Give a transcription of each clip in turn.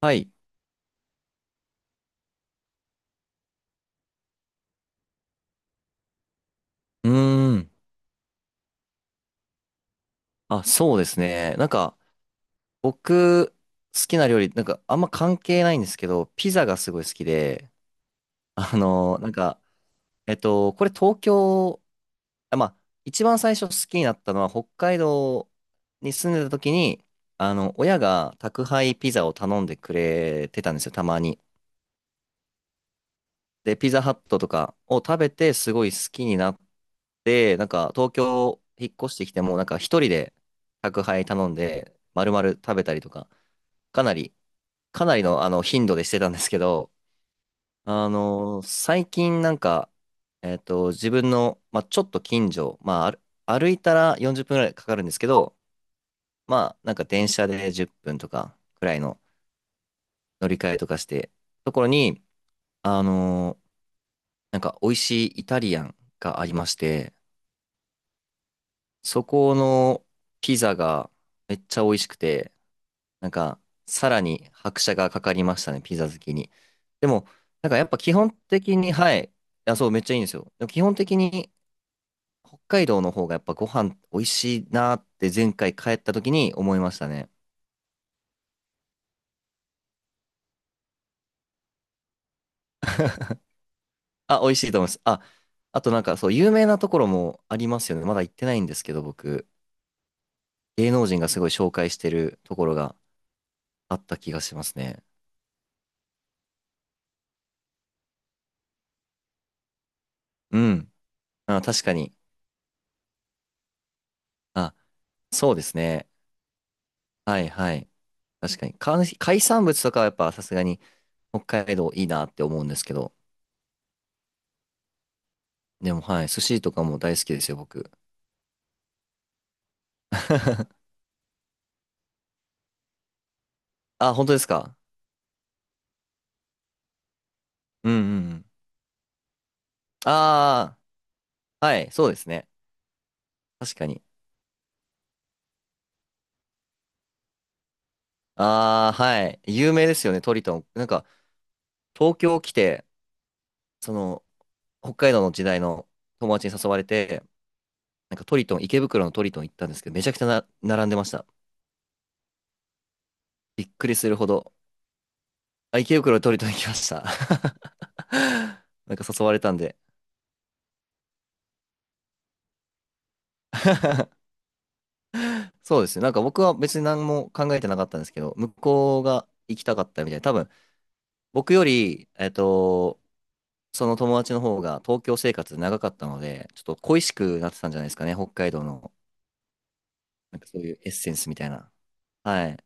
はい。うーん。あ、そうですね。僕、好きな料理、あんま関係ないんですけど、ピザがすごい好きで、あのーなんか、これ東京、あ、まあ、一番最初好きになったのは、北海道に住んでた時に、あの、親が宅配ピザを頼んでくれてたんですよ、たまに。で、ピザハットとかを食べて、すごい好きになっで、なんか東京引っ越してきても、なんか一人で宅配頼んで、丸々食べたりとか、かなり、かなりのあの頻度でしてたんですけど、あの、最近なんか、えっと、自分の、まあ、ちょっと近所、まあ、歩いたら40分ぐらいかかるんですけど、まあ、なんか電車で10分とかくらいの乗り換えとかして、ところに、あの、なんか美味しいイタリアンがありまして、そこのピザがめっちゃ美味しくて、なんか、さらに拍車がかかりましたね、ピザ好きに。でも、なんかやっぱ基本的に、はい。いや、そう、めっちゃいいんですよ。でも基本的に、北海道の方がやっぱご飯美味しいなって前回帰った時に思いましたね。あ、美味しいと思います。あ、あとなんかそう、有名なところもありますよね。まだ行ってないんですけど、僕。芸能人がすごい紹介してるところがあった気がしますね。うん。あ、確かに。あ、そうですね。はいはい。確かに。海産物とかはやっぱさすがに、北海道いいなって思うんですけど。でも、はい、寿司とかも大好きですよ、僕。あ、本当ですか？うんうんうん。ああ、はい、そうですね。確かに。ああ、はい。有名ですよね、トリトン。なんか、東京来て、その、北海道の時代の友達に誘われて、なんかトリトン、池袋のトリトン行ったんですけど、めちゃくちゃな、並んでました。びっくりするほど。あ、池袋のトリトン行きました。なんか誘われたんで。そうですね。なんか僕は別に何も考えてなかったんですけど、向こうが行きたかったみたいな多分僕より、えっと、その友達の方が東京生活長かったので、ちょっと恋しくなってたんじゃないですかね、北海道の、なんかそういうエッセンスみたいな。はい。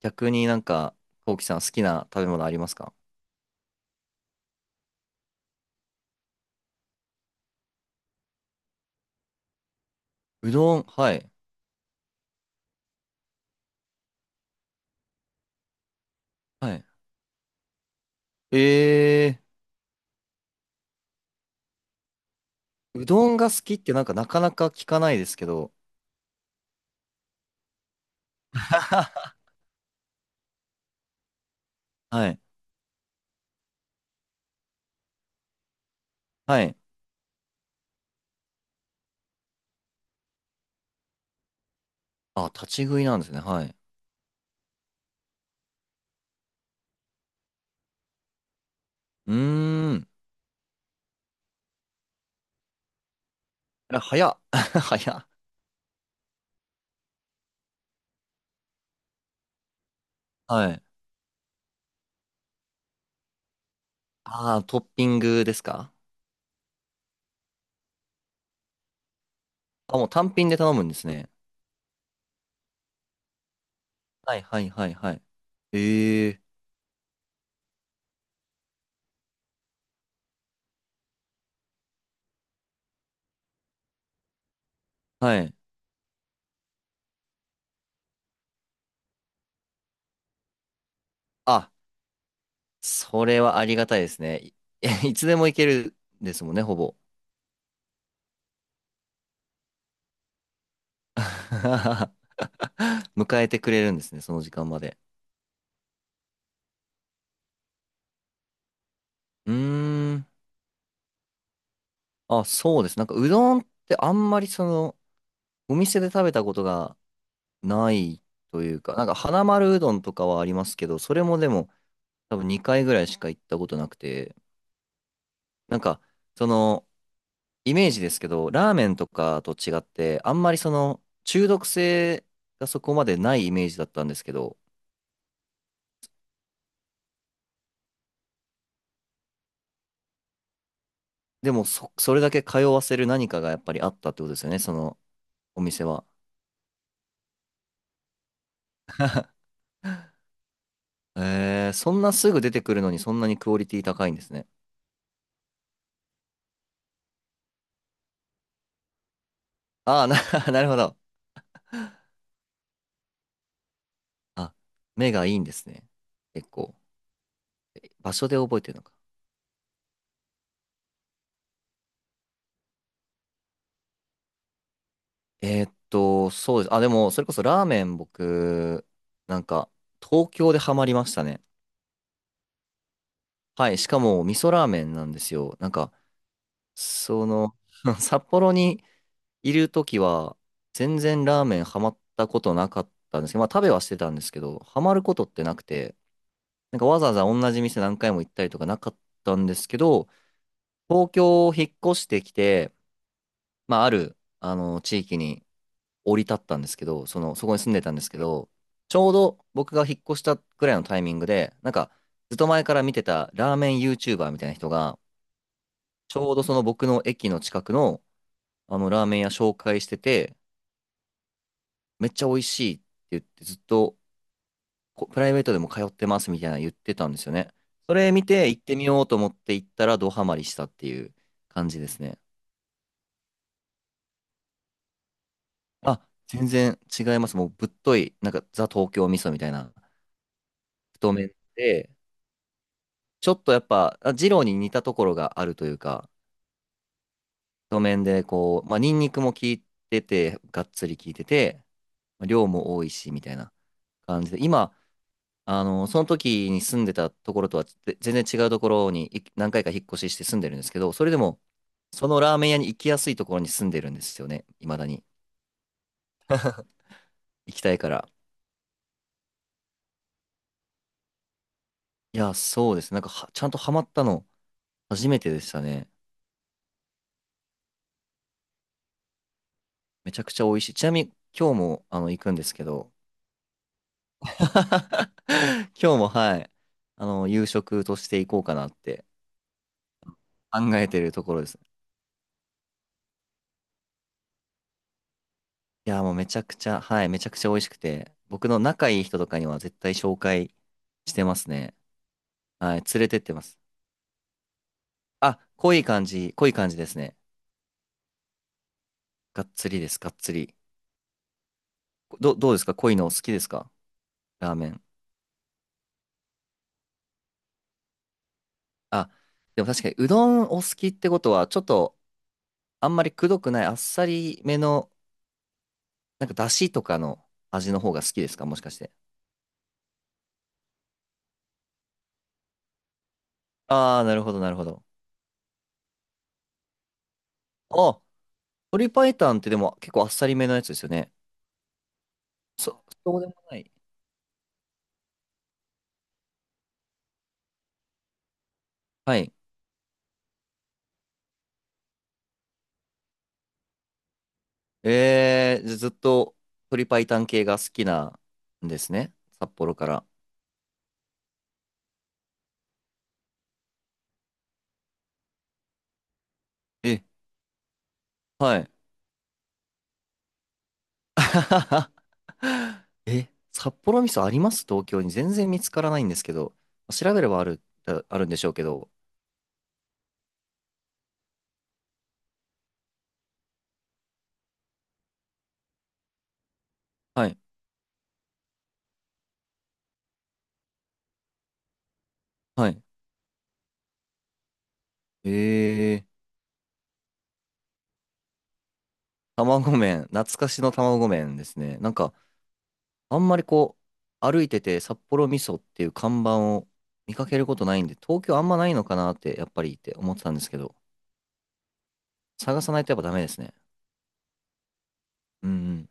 逆になんか、こうきさん好きな食べ物ありますか？うどん、はい。はい。えー、うどんが好きってなんかなかなか聞かないですけど、はい。はい。あ、立ち食いなんですね。はい。うーん。あ早っ。早っ。はい。ああ、トッピングですか？あ、もう単品で頼むんですね。はいはいはいはい。ええはい。あ、それはありがたいですね。い、いつでも行けるですもんね、ほぼ。迎えてくれるんですね、その時間まで。うーん。あ、そうです。なんかうどんってあんまりその、お店で食べたことがないというか、なんか花丸うどんとかはありますけど、それもでも多分2回ぐらいしか行ったことなくて、なんか、その、イメージですけど、ラーメンとかと違って、あんまりその中毒性がそこまでないイメージだったんですけど、でもそれだけ通わせる何かがやっぱりあったってことですよね、そのお店は。えー、そんなすぐ出てくるのにそんなにクオリティ高いんですね。ああ、なるほど。あ、目がいいんですね。結構。場所で覚えてるのか。えーっと、そうです。あ、でも、それこそラーメン僕、なんか、東京でハマりましたね。はい、しかも味噌ラーメンなんですよ。なんか、その、札幌にいるときは、全然ラーメンハマったことなかったんですけど、まあ食べはしてたんですけど、ハマることってなくて、なんかわざわざ同じ店何回も行ったりとかなかったんですけど、東京を引っ越してきて、まあある、あの、地域に降り立ったんですけど、その、そこに住んでたんですけど、ちょうど僕が引っ越したぐらいのタイミングで、なんか、ずっと前から見てたラーメン YouTuber みたいな人が、ちょうどその僕の駅の近くの、あの、ラーメン屋紹介してて、めっちゃ美味しいって言って、ずっとこプライベートでも通ってますみたいな言ってたんですよね。それ見て行ってみようと思って行ったらドハマりしたっていう感じですね。あ、全然違います。もうぶっとい、なんかザ東京味噌みたいな太麺で、ちょっとやっぱ、あ二郎に似たところがあるというか、太麺でこう、まあ、ニンニクも効いてて、がっつり効いてて、まあ量も多いしみたいな感じで、今、あの、その時に住んでたところとはぜ全然違うところにい何回か引っ越しして住んでるんですけど、それでも、そのラーメン屋に行きやすいところに住んでるんですよね。未だに。行きたいから。いや、そうです。なんかは、ちゃんとハマったの、初めてでしたね。めちゃくちゃ美味しい。ちなみに、今日も、あの、行くんですけど、今日も、はい、あの、夕食として行こうかなって考えてるところです。いや、もうめちゃくちゃ、はい、めちゃくちゃ美味しくて、僕の仲いい人とかには絶対紹介してますね。はい、連れてってます。あ、濃い感じですね。がっつりです、がっつり。ど、どうですか濃いのお好きですかラーメン。あ、でも確かにうどんお好きってことは、ちょっとあんまりくどくないあっさりめの、なんかだしとかの味の方が好きですかもしかして。あー、なるほど。あ、鶏白湯ってでも結構あっさりめのやつですよね。そ、そうでもない。はい。えー、じゃあずっと鶏白湯系が好きなんですね。札幌から。え、はい。あはははえ、札幌味噌あります東京に。全然見つからないんですけど。調べればある、ああるんでしょうけど。はい。はい。えー、卵麺。懐かしの卵麺ですね。なんか、あんまりこう、歩いてて札幌味噌っていう看板を見かけることないんで、東京あんまないのかなって、やっぱりって思ってたんですけど、探さないとやっぱダメですね。うんうん。